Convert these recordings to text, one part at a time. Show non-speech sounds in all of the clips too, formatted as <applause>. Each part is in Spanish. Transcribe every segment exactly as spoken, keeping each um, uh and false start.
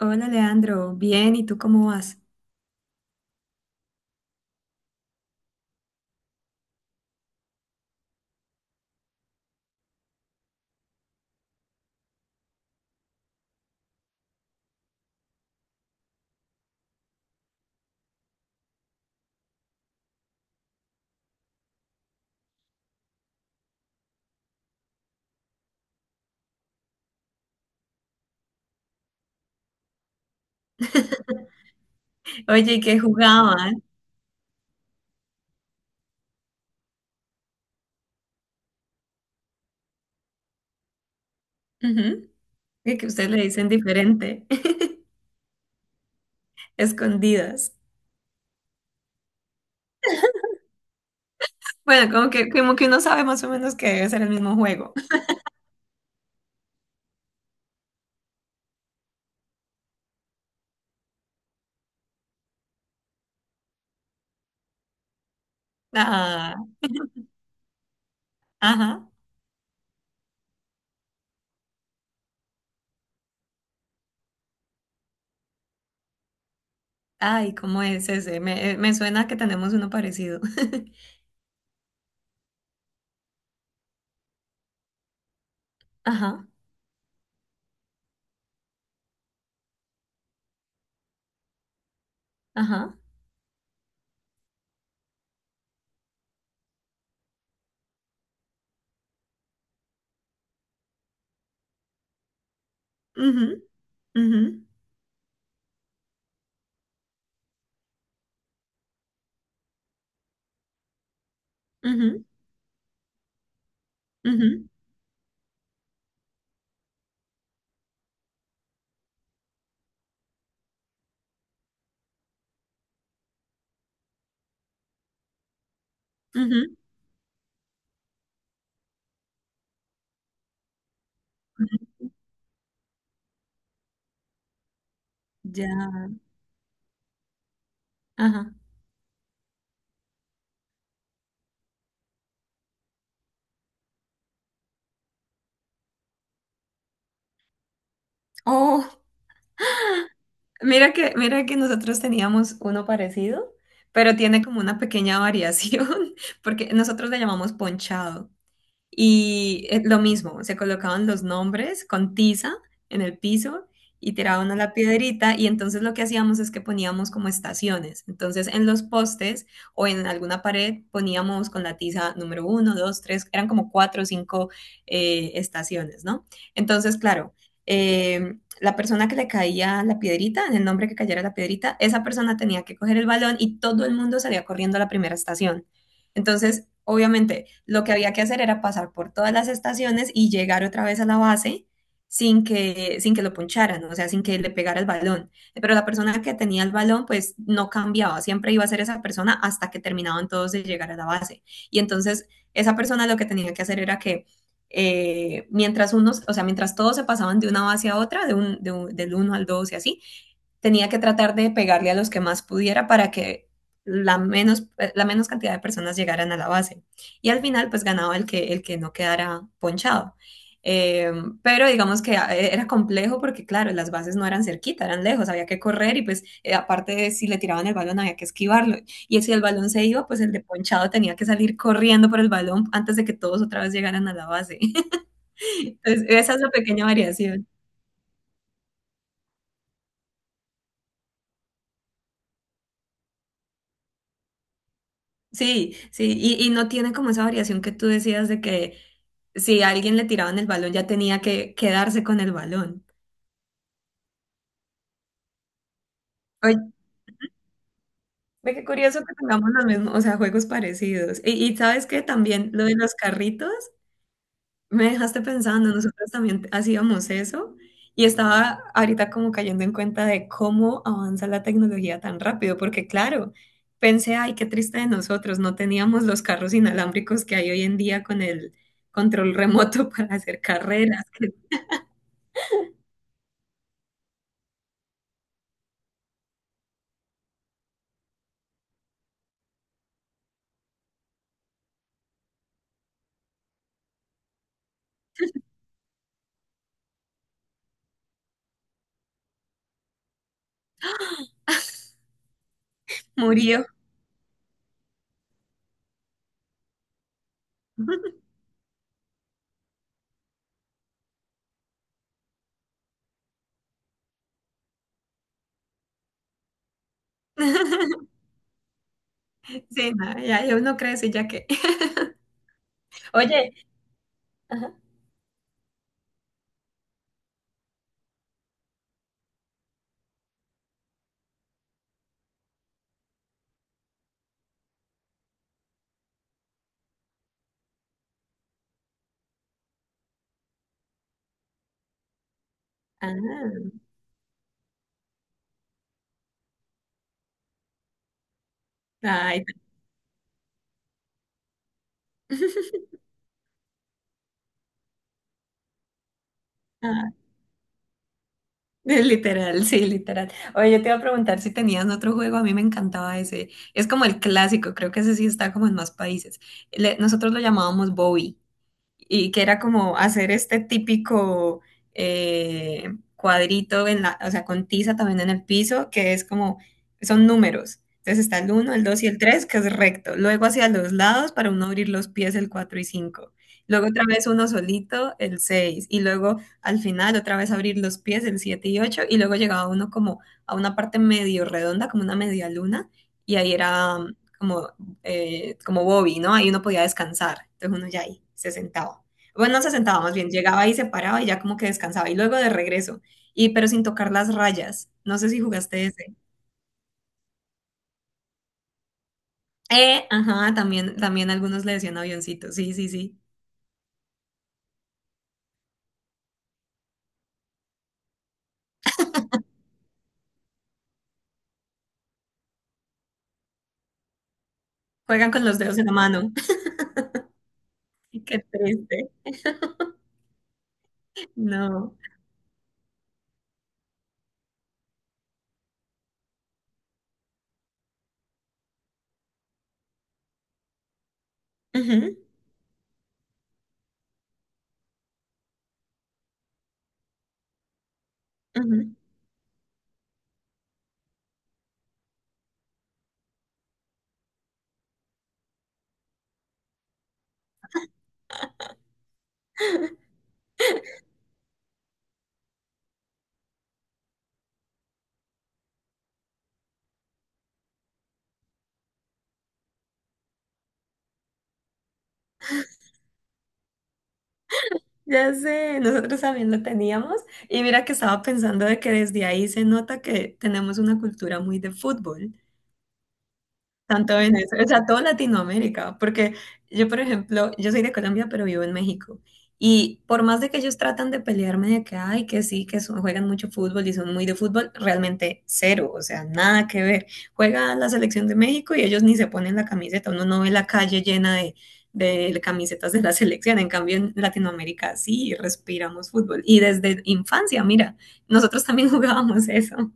Hola Leandro, bien, ¿y tú cómo vas? <laughs> Oye, ¿y ¿qué jugaban? Ujú. Y que ustedes le dicen diferente, <laughs> escondidas. Bueno, como que, como que uno sabe más o menos que debe ser el mismo juego. <laughs> Ah, ajá. Ay, ¿cómo es ese? Me, eh, me suena que tenemos uno parecido. <laughs> Ajá, ajá. Ujú, ujú, ujú, ujú, ujú. Ya, ajá. Oh. Mira que, mira que nosotros teníamos uno parecido, pero tiene como una pequeña variación, <laughs> porque nosotros le llamamos ponchado. Y eh, lo mismo, se colocaban los nombres con tiza en el piso y tiraban a la piedrita y entonces lo que hacíamos es que poníamos como estaciones. Entonces en los postes o en alguna pared poníamos con la tiza número uno, dos, tres, eran como cuatro o cinco eh, estaciones, ¿no? Entonces, claro, eh, la persona que le caía la piedrita, en el nombre que cayera la piedrita, esa persona tenía que coger el balón y todo el mundo salía corriendo a la primera estación. Entonces, obviamente, lo que había que hacer era pasar por todas las estaciones y llegar otra vez a la base sin que, sin que lo poncharan, o sea, sin que le pegara el balón. Pero la persona que tenía el balón, pues no cambiaba, siempre iba a ser esa persona hasta que terminaban todos de llegar a la base. Y entonces, esa persona lo que tenía que hacer era que eh, mientras unos, o sea, mientras todos se pasaban de una base a otra, de un, de un- del uno al dos y así, tenía que tratar de pegarle a los que más pudiera para que la menos, eh, la menos cantidad de personas llegaran a la base. Y al final, pues ganaba el que, el que no quedara ponchado. Eh, pero digamos que ah, e, era complejo porque, claro, las bases no eran cerquita, eran lejos, había que correr y pues eh, aparte de si le tiraban el balón había que esquivarlo. Y si el balón se iba, pues el de ponchado tenía que salir corriendo por el balón antes de que todos otra vez llegaran a la base. <laughs> Entonces, esa es la pequeña variación. Sí, sí, y, y no tiene como esa variación que tú decías de que si a alguien le tiraban el balón ya tenía que quedarse con el balón. Oye, ve qué curioso que tengamos los mismos, o sea, juegos parecidos. Y, y sabes que también lo de los carritos. Me dejaste pensando, nosotros también hacíamos eso y estaba ahorita como cayendo en cuenta de cómo avanza la tecnología tan rápido, porque claro, pensé, ay, qué triste de nosotros, no teníamos los carros inalámbricos que hay hoy en día con el control remoto <laughs> para hacer carreras. Murió. <laughs> Sí, no, ya ya uno crece ya que. <laughs> Oye. Ajá. Ah. Ay. <laughs> Es literal, sí, literal. Oye, yo te iba a preguntar si tenías otro juego, a mí me encantaba ese. Es como el clásico, creo que ese sí está como en más países. Le- nosotros lo llamábamos Bobby y que era como hacer este típico eh, cuadrito en la, o sea, con tiza también en el piso, que es como, son números. Entonces está el uno el dos y el tres que es recto. Luego hacia los lados para uno abrir los pies el cuatro y cinco. Luego otra vez uno solito, el seis. Y luego al final otra vez abrir los pies el siete y ocho. Y luego llegaba uno como a una parte medio redonda, como una media luna. Y ahí era um, como eh, como Bobby, ¿no? Ahí uno podía descansar. Entonces uno ya ahí se sentaba. Bueno, no se sentaba más bien, llegaba y se paraba y ya como que descansaba. Y luego de regreso, y pero sin tocar las rayas. No sé si jugaste ese. Eh, ajá, también, también algunos le decían avioncito. Sí, sí, sí. Juegan con los dedos en la mano. <laughs> Qué triste. No. Ujú, ujú. Ya sé, nosotros también lo teníamos. Y mira que estaba pensando de que desde ahí se nota que tenemos una cultura muy de fútbol. Tanto Venezuela, o sea, toda Latinoamérica, porque yo, por ejemplo, yo soy de Colombia, pero vivo en México. Y por más de que ellos tratan de pelearme de que, ay, que sí, que son- juegan mucho fútbol y son muy de fútbol, realmente cero, o sea, nada que ver. Juega la selección de México y ellos ni se ponen la camiseta, uno no ve la calle llena de, de camisetas de la selección. En cambio, en Latinoamérica sí respiramos fútbol. Y desde infancia, mira, nosotros también <laughs> jugábamos eso.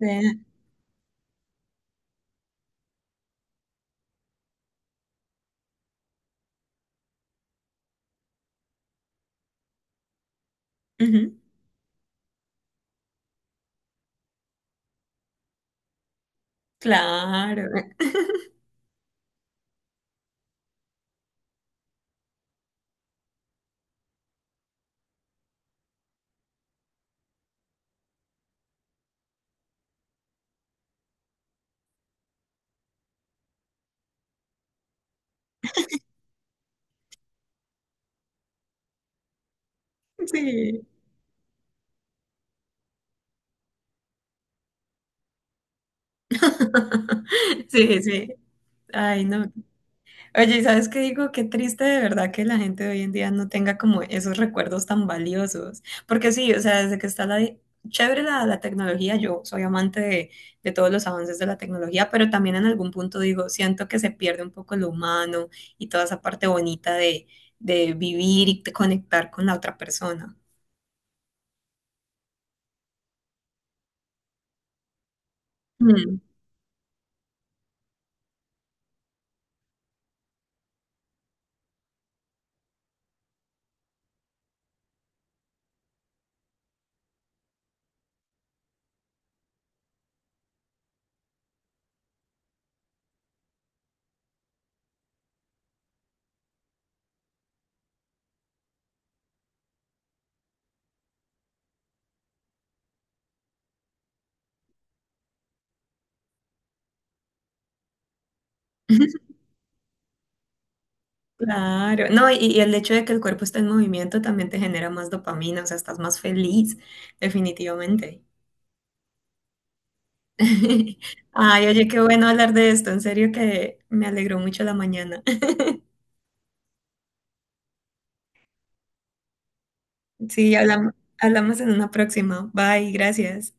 De- Ujú, claro, <laughs> sí. <laughs> Sí, sí. Ay, no. Oye, ¿y ¿sabes qué digo? Qué triste de verdad que la gente de hoy en día no tenga como esos recuerdos tan valiosos. Porque sí, o sea, desde que está la. Chévere la, la tecnología, yo soy amante de, de todos los avances de la tecnología, pero también en algún punto digo, siento que se pierde un poco lo humano y toda esa parte bonita de, de vivir y de conectar con la otra persona. Mm. <laughs> Claro, no, y, y el hecho de que el cuerpo está en movimiento también te genera más dopamina, o sea, estás más feliz, definitivamente. <laughs> Ay, oye, qué bueno hablar de esto, en serio que me alegró mucho la mañana. <laughs> Sí, hablamos, hablamos, en una próxima. Bye, gracias.